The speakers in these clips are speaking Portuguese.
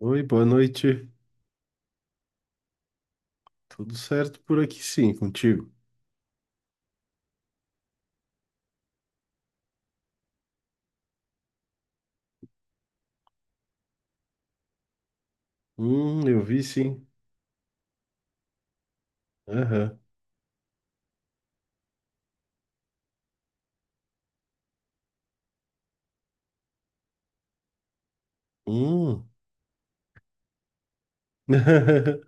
Oi, boa noite. Tudo certo por aqui, sim, contigo? Eu vi, sim. Aham. Hum.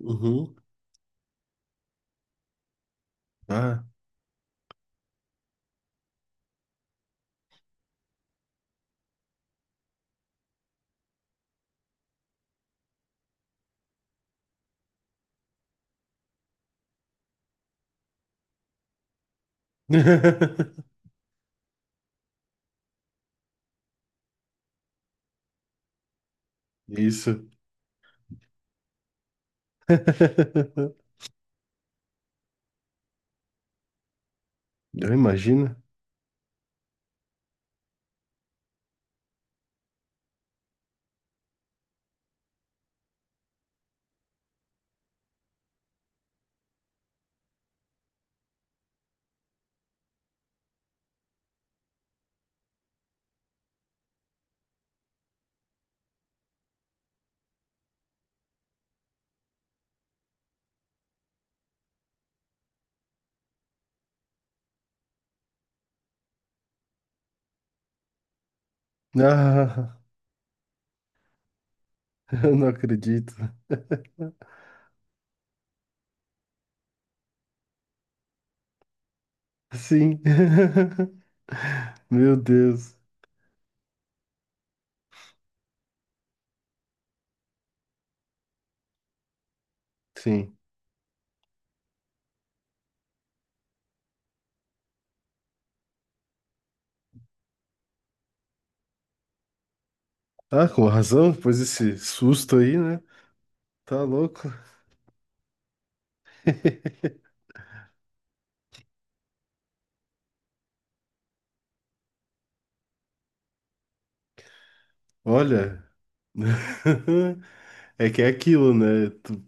Uhum. Ah. Isso. Eu imagino. Ah, eu não acredito. Sim. Meu Deus. Sim. Ah, com razão, depois desse susto aí, né? Tá louco. Olha, é que é aquilo, né? Tu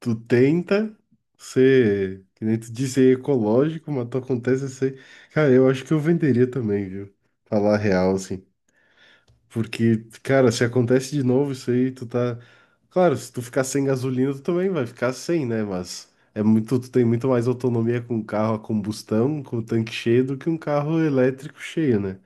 tu tenta ser, que nem tu disse, aí, ecológico, mas tu acontece assim. Cara, eu acho que eu venderia também, viu? Falar a real, assim. Porque, cara, se acontece de novo isso aí, tu tá. Claro, se tu ficar sem gasolina, tu também vai ficar sem, né? Mas é muito, tu tem muito mais autonomia com um carro a combustão, com o tanque cheio, do que um carro elétrico cheio, né?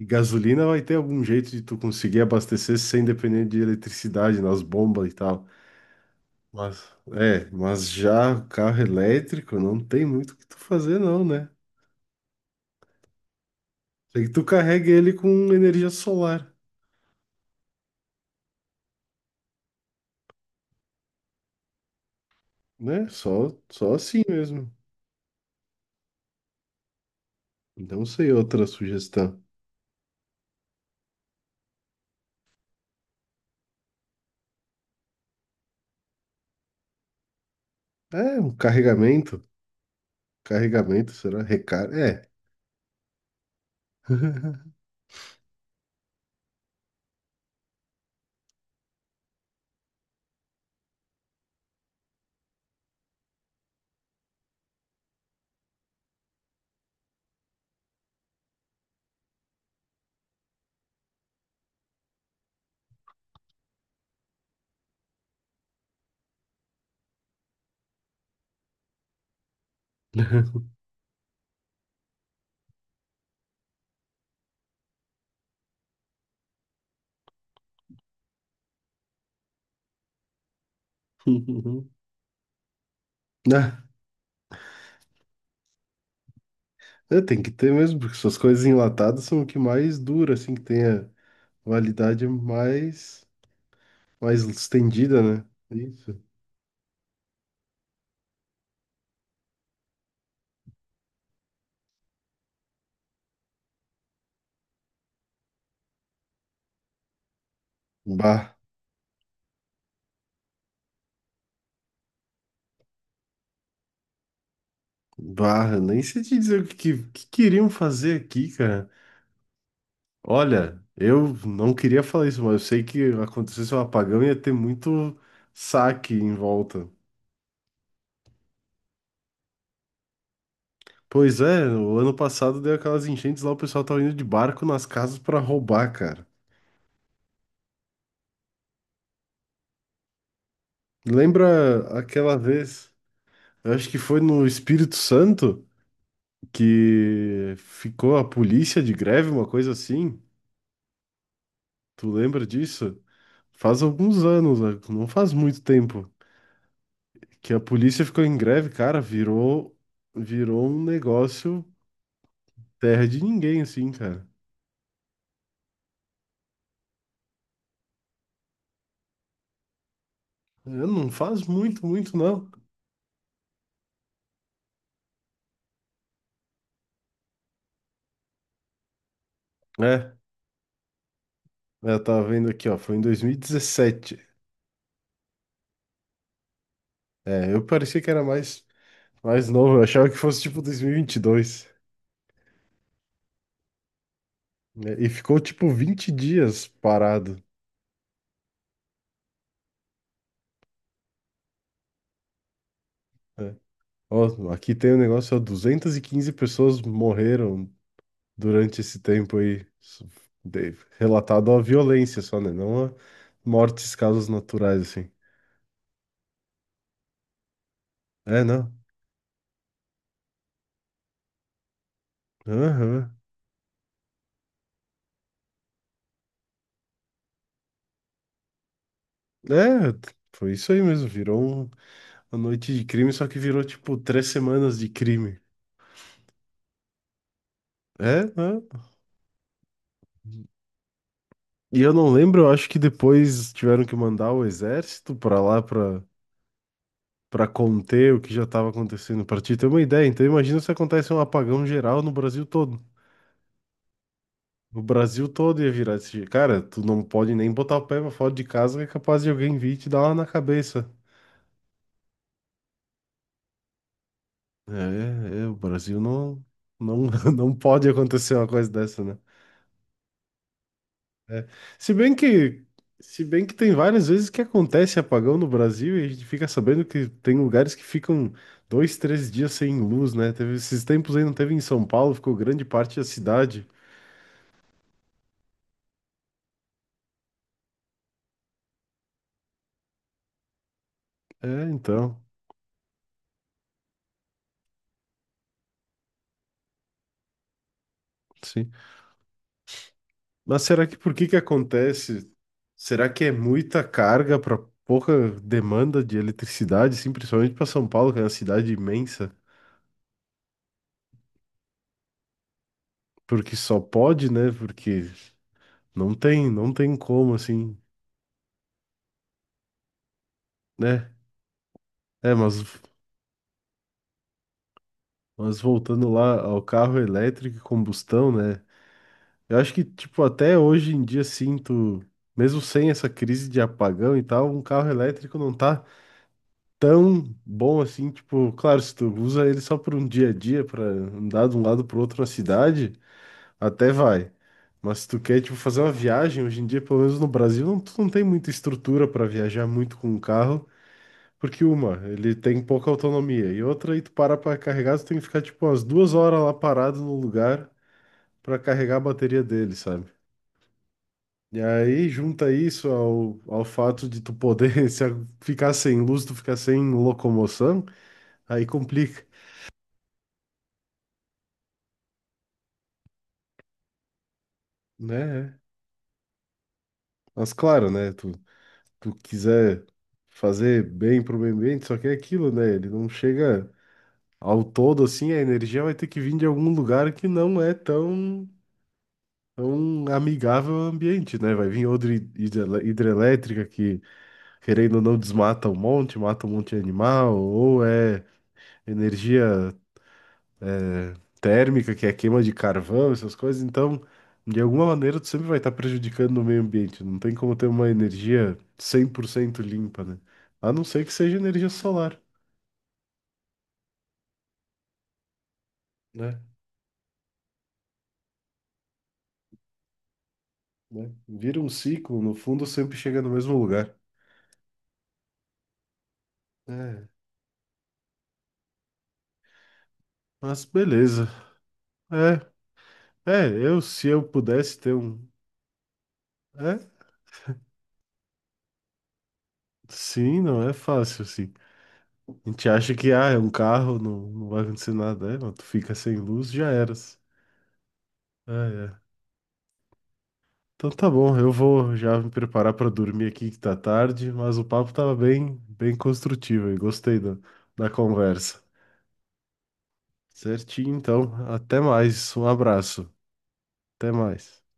E gasolina vai ter algum jeito de tu conseguir abastecer sem depender de eletricidade nas bombas e tal. Mas, é, mas já carro elétrico não tem muito o que tu fazer, não, né? Tem que tu carregue ele com energia solar, né? Só, só assim mesmo. Não sei outra sugestão. É, um carregamento. Carregamento, será? Recarga? É. Ah, é, tem que ter mesmo, porque essas coisas enlatadas são o que mais dura, assim, que tem a validade mais, mais estendida, né? Isso. Bah. Barra, nem sei te dizer o que queriam fazer aqui, cara. Olha, eu não queria falar isso, mas eu sei que acontecesse um apagão e ia ter muito saque em volta. Pois é, o ano passado deu aquelas enchentes lá, o pessoal tava indo de barco nas casas pra roubar, cara. Lembra aquela vez, eu acho que foi no Espírito Santo, que ficou a polícia de greve, uma coisa assim? Tu lembra disso? Faz alguns anos, né? Não faz muito tempo. Que a polícia ficou em greve, cara, virou um negócio terra de ninguém, assim, cara. É, não faz muito, muito, não. É, é, eu tava vendo aqui, ó, foi em 2017. É, eu parecia que era mais, mais novo, eu achava que fosse tipo 2022. Né? E ficou tipo 20 dias parado. Né? Ó, aqui tem um negócio, ó, 215 pessoas morreram durante esse tempo aí. Isso, relatado a violência só, né? Não a mortes, causas naturais, assim. É, não. Aham. Foi isso aí mesmo. Uma noite de crime, só que virou tipo três semanas de crime. É, né? E eu não lembro, eu acho que depois tiveram que mandar o exército pra lá pra, pra conter o que já tava acontecendo. Pra te ter uma ideia, então imagina se acontece um apagão geral no Brasil todo. O Brasil todo ia virar esse. Jeito. Cara, tu não pode nem botar o pé pra fora de casa que é capaz de alguém vir e te dar uma na cabeça. É, é, o Brasil não, não, não pode acontecer uma coisa dessa, né? É. Se bem que, se bem que tem várias vezes que acontece apagão no Brasil e a gente fica sabendo que tem lugares que ficam dois, três dias sem luz, né? Teve esses tempos aí, não teve em São Paulo, ficou grande parte da cidade. É, então, sim. Mas será que por que que acontece? Será que é muita carga para pouca demanda de eletricidade, assim, principalmente para São Paulo, que é uma cidade imensa? Porque só pode, né? Porque não tem como, assim, né? É, mas voltando lá ao carro elétrico e combustão, né? Eu acho que, tipo, até hoje em dia sinto, mesmo sem essa crise de apagão e tal, um carro elétrico não tá tão bom assim. Tipo, claro, se tu usa ele só por um dia a dia, pra andar de um lado pro outro na cidade, até vai. Mas se tu quer, tipo, fazer uma viagem, hoje em dia, pelo menos no Brasil, não, tu não tem muita estrutura pra viajar muito com o carro. Porque uma, ele tem pouca autonomia, e outra, aí tu para pra carregar, tu tem que ficar tipo umas 2 horas lá parado no lugar pra carregar a bateria dele, sabe? E aí junta isso ao fato de tu poder se a- ficar sem luz, tu ficar sem locomoção, aí complica, né? Mas claro, né? Tu, tu quiser fazer bem pro meio ambiente, só que é aquilo, né? Ele não chega ao todo assim, a energia vai ter que vir de algum lugar que não é tão é um amigável ao ambiente, né? Vai vir outra hidrelétrica que, querendo ou não, desmata um monte, mata um monte de animal, ou é energia é, térmica, que é queima de carvão, essas coisas. Então, de alguma maneira, tu sempre vai estar prejudicando o meio ambiente. Não tem como ter uma energia 100% limpa, né? A não ser que seja energia solar, né? Né? Vira um ciclo, no fundo sempre chega no mesmo lugar. É. Mas beleza. É, é, eu se eu pudesse ter um. É? Sim, não é fácil, assim. A gente acha que, ah, é um carro, não, não vai acontecer nada. É, mas tu fica sem luz, já eras. Ah, é. Então tá bom, eu vou já me preparar pra dormir aqui que tá tarde, mas o papo tava bem, bem construtivo e gostei da, da conversa. Certinho, então. Até mais. Um abraço. Até mais.